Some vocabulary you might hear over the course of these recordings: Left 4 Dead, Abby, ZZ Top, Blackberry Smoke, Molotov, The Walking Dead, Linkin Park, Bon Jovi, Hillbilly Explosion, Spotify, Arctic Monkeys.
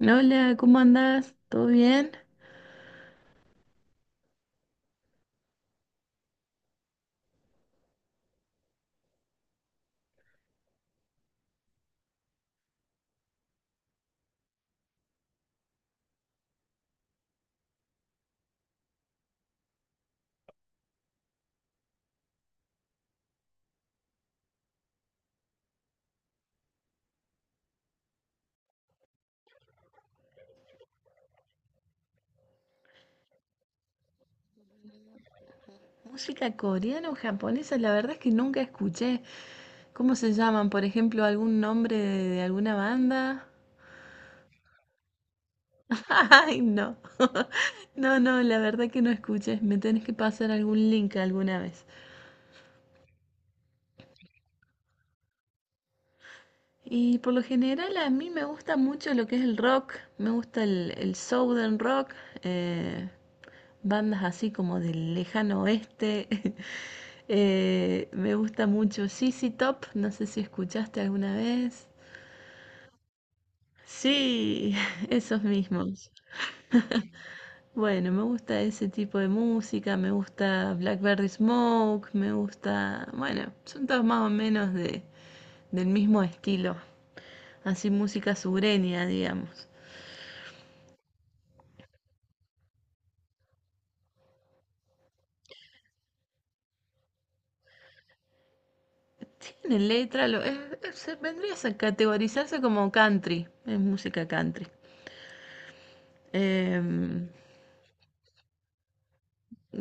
Hola, ¿cómo andás? ¿Todo bien? Música coreana o japonesa, la verdad es que nunca escuché. ¿Cómo se llaman? Por ejemplo, algún nombre de alguna banda. Ay, no. No, no, la verdad que no escuché. Me tenés que pasar algún link alguna vez. Y por lo general a mí me gusta mucho lo que es el rock. Me gusta el southern rock. eh, Bandas así como del lejano oeste. Me gusta mucho ZZ Top, no sé si escuchaste alguna vez. Sí, esos mismos. Bueno, me gusta ese tipo de música, me gusta Blackberry Smoke, me gusta, bueno, son todos más o menos del mismo estilo, así música sureña, digamos. Tiene letra, lo, es- se- vendría a categorizarse como country, es música country. Em,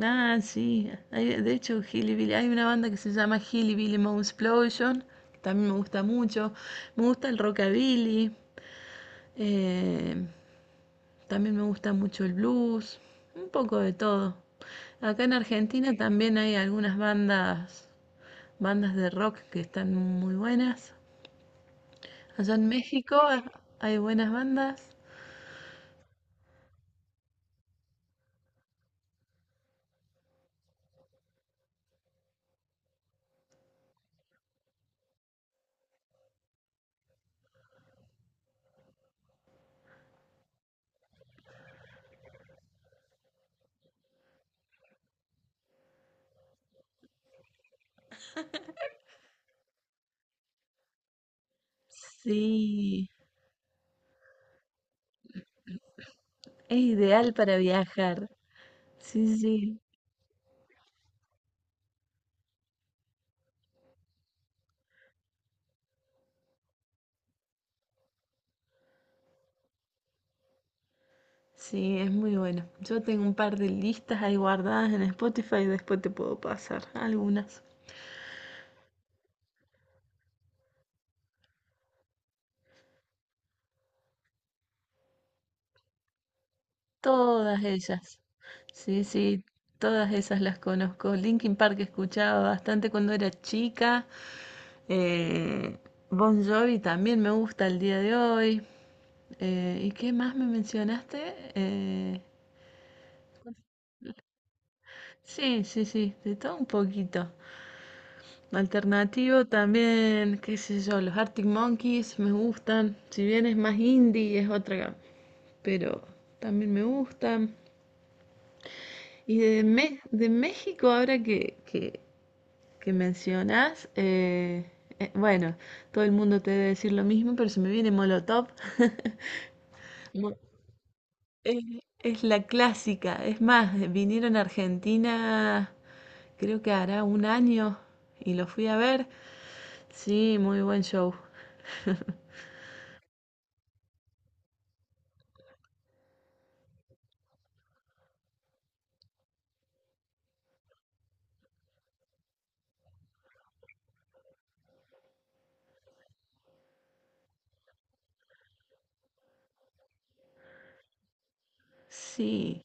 Ah, sí. De hecho, Hillbilly, hay una banda que se llama Hillbilly Explosion, también me gusta mucho. Me gusta el rockabilly, eh, también me gusta mucho el blues, un poco de todo. Acá en Argentina también hay algunas bandas, bandas de rock que están muy buenas. Allá en México hay buenas bandas. Sí, es ideal para viajar. Sí, sí. Sí, es muy bueno. Yo tengo un par de listas ahí guardadas en Spotify, después te puedo pasar algunas. Todas ellas. Sí, sí, todas esas las conozco. Linkin Park escuchaba bastante cuando era chica. Eh, Bon Jovi también me gusta al día de hoy. ¿Y qué más me mencionaste? Eh, sí, sí, sí, de todo un poquito. Alternativo también, qué sé yo, los Arctic Monkeys me gustan. Si bien es más indie, es otra, pero también me gustan. De México, ahora que mencionas, bueno, todo el mundo te debe decir lo mismo, pero se me viene Molotov. Mo- Es, es la clásica. Es más, vinieron a Argentina, creo que hará un año, y lo fui a ver. Sí, muy buen show. Sí.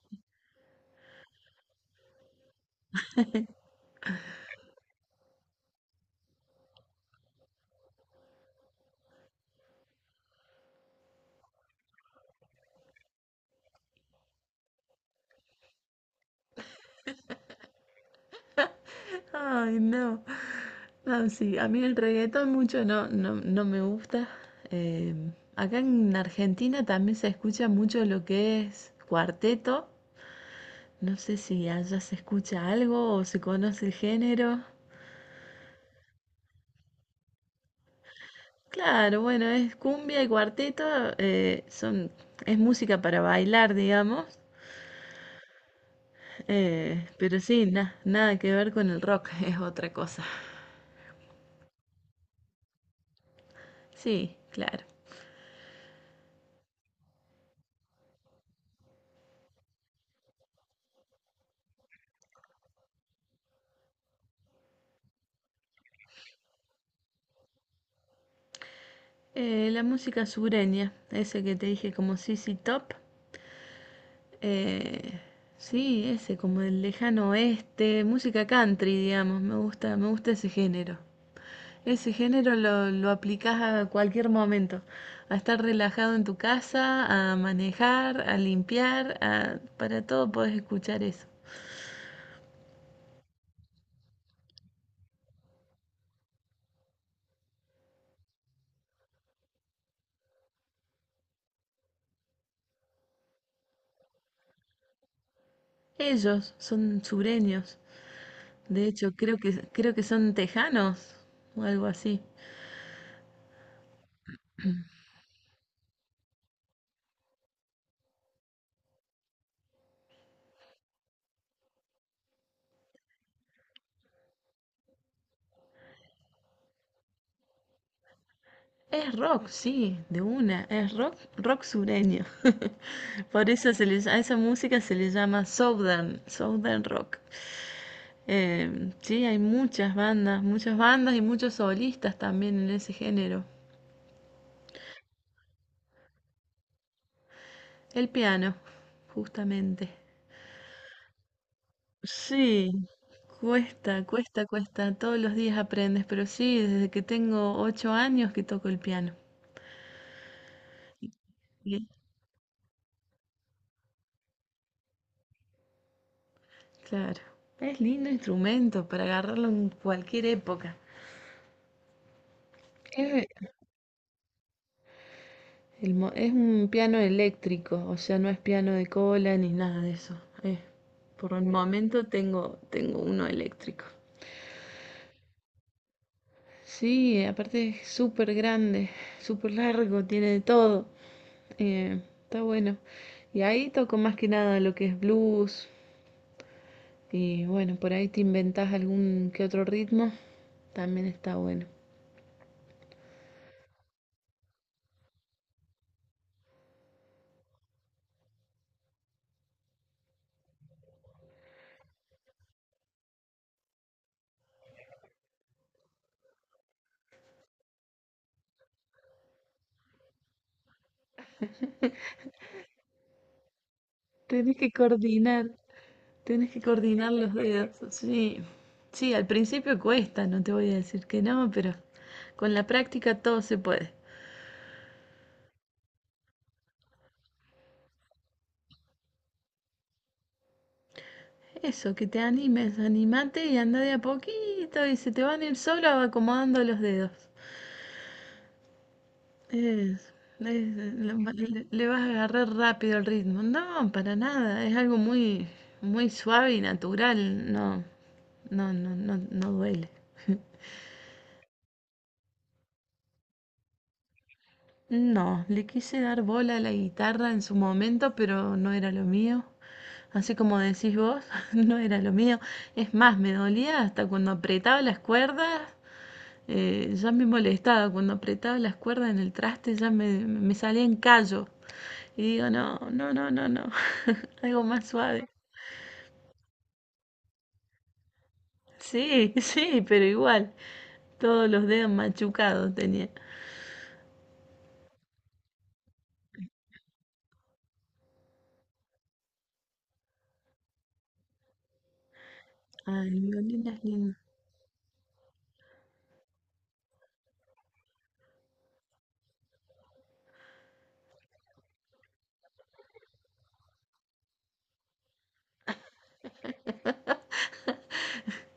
Ay, no. No, sí, a mí el reggaetón mucho no, no, no me gusta. Eh, Acá en Argentina también se escucha mucho lo que es cuarteto. No sé si allá se escucha algo o se conoce el género. Claro, bueno, es cumbia y cuarteto, eh, son, es música para bailar, digamos. Pero sí, nada que ver con el rock, es otra cosa. Sí, claro. La música sureña, ese que te dije como ZZ Top. Eh, sí, ese, como el lejano oeste, música country, digamos, me gusta ese género. Ese género lo aplicás a cualquier momento, a estar relajado en tu casa, a manejar, a limpiar, para todo podés escuchar eso. Ellos son sureños, de hecho creo que son tejanos o algo así. Es rock, sí, de una, es rock, rock sureño. Por eso a esa música se le llama Southern, Southern Rock. Sí, hay muchas bandas y muchos solistas también en ese género. El piano, justamente. Sí, cuesta, cuesta, cuesta. Todos los días aprendes, pero sí, desde que tengo ocho años que toco el piano. Bien. Claro. Es lindo instrumento para agarrarlo en cualquier época. Es, es un piano eléctrico, o sea, no es piano de cola ni nada de eso. Por el momento tengo uno eléctrico. Sí, aparte es súper grande, súper largo, tiene de todo. Está bueno. Y ahí toco más que nada lo que es blues. Y bueno, por ahí te inventás algún que otro ritmo. También está bueno. Tenés que coordinar. Tienes que coordinar los dedos, sí. Sí, al principio cuesta, no te voy a decir que no, pero con la práctica todo se puede. Eso, que te animes, animate y anda de a poquito y se te van a ir solo acomodando los dedos. Es, es- Le vas a agarrar rápido el ritmo. No, para nada, es algo muy, muy suave y natural, no, no, no duele. No, le quise dar bola a la guitarra en su momento, pero no era lo mío. Así como decís vos, no era lo mío. Es más, me dolía hasta cuando apretaba las cuerdas. Ya me molestaba cuando apretaba las cuerdas en el traste, me salía en callo. Y digo, no. Algo más suave. Sí, sí, pero igual. Todos los dedos machucados tenía. Ah, el violín es lindo.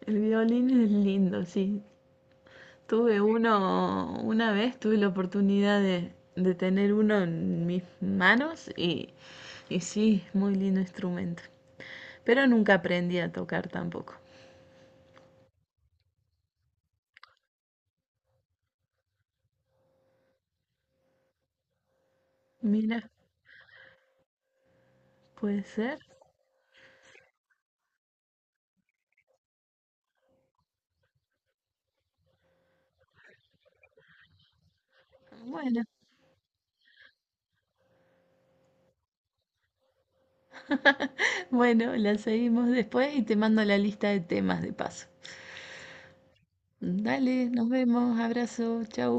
El violín es lindo, sí. Tuve uno, una vez tuve la oportunidad de tener uno en mis manos y sí, es muy lindo instrumento. Pero nunca aprendí a tocar tampoco. Mira, puede ser. Bueno, bueno, la seguimos después y te mando la lista de temas de paso. Dale, nos vemos, abrazo, chau.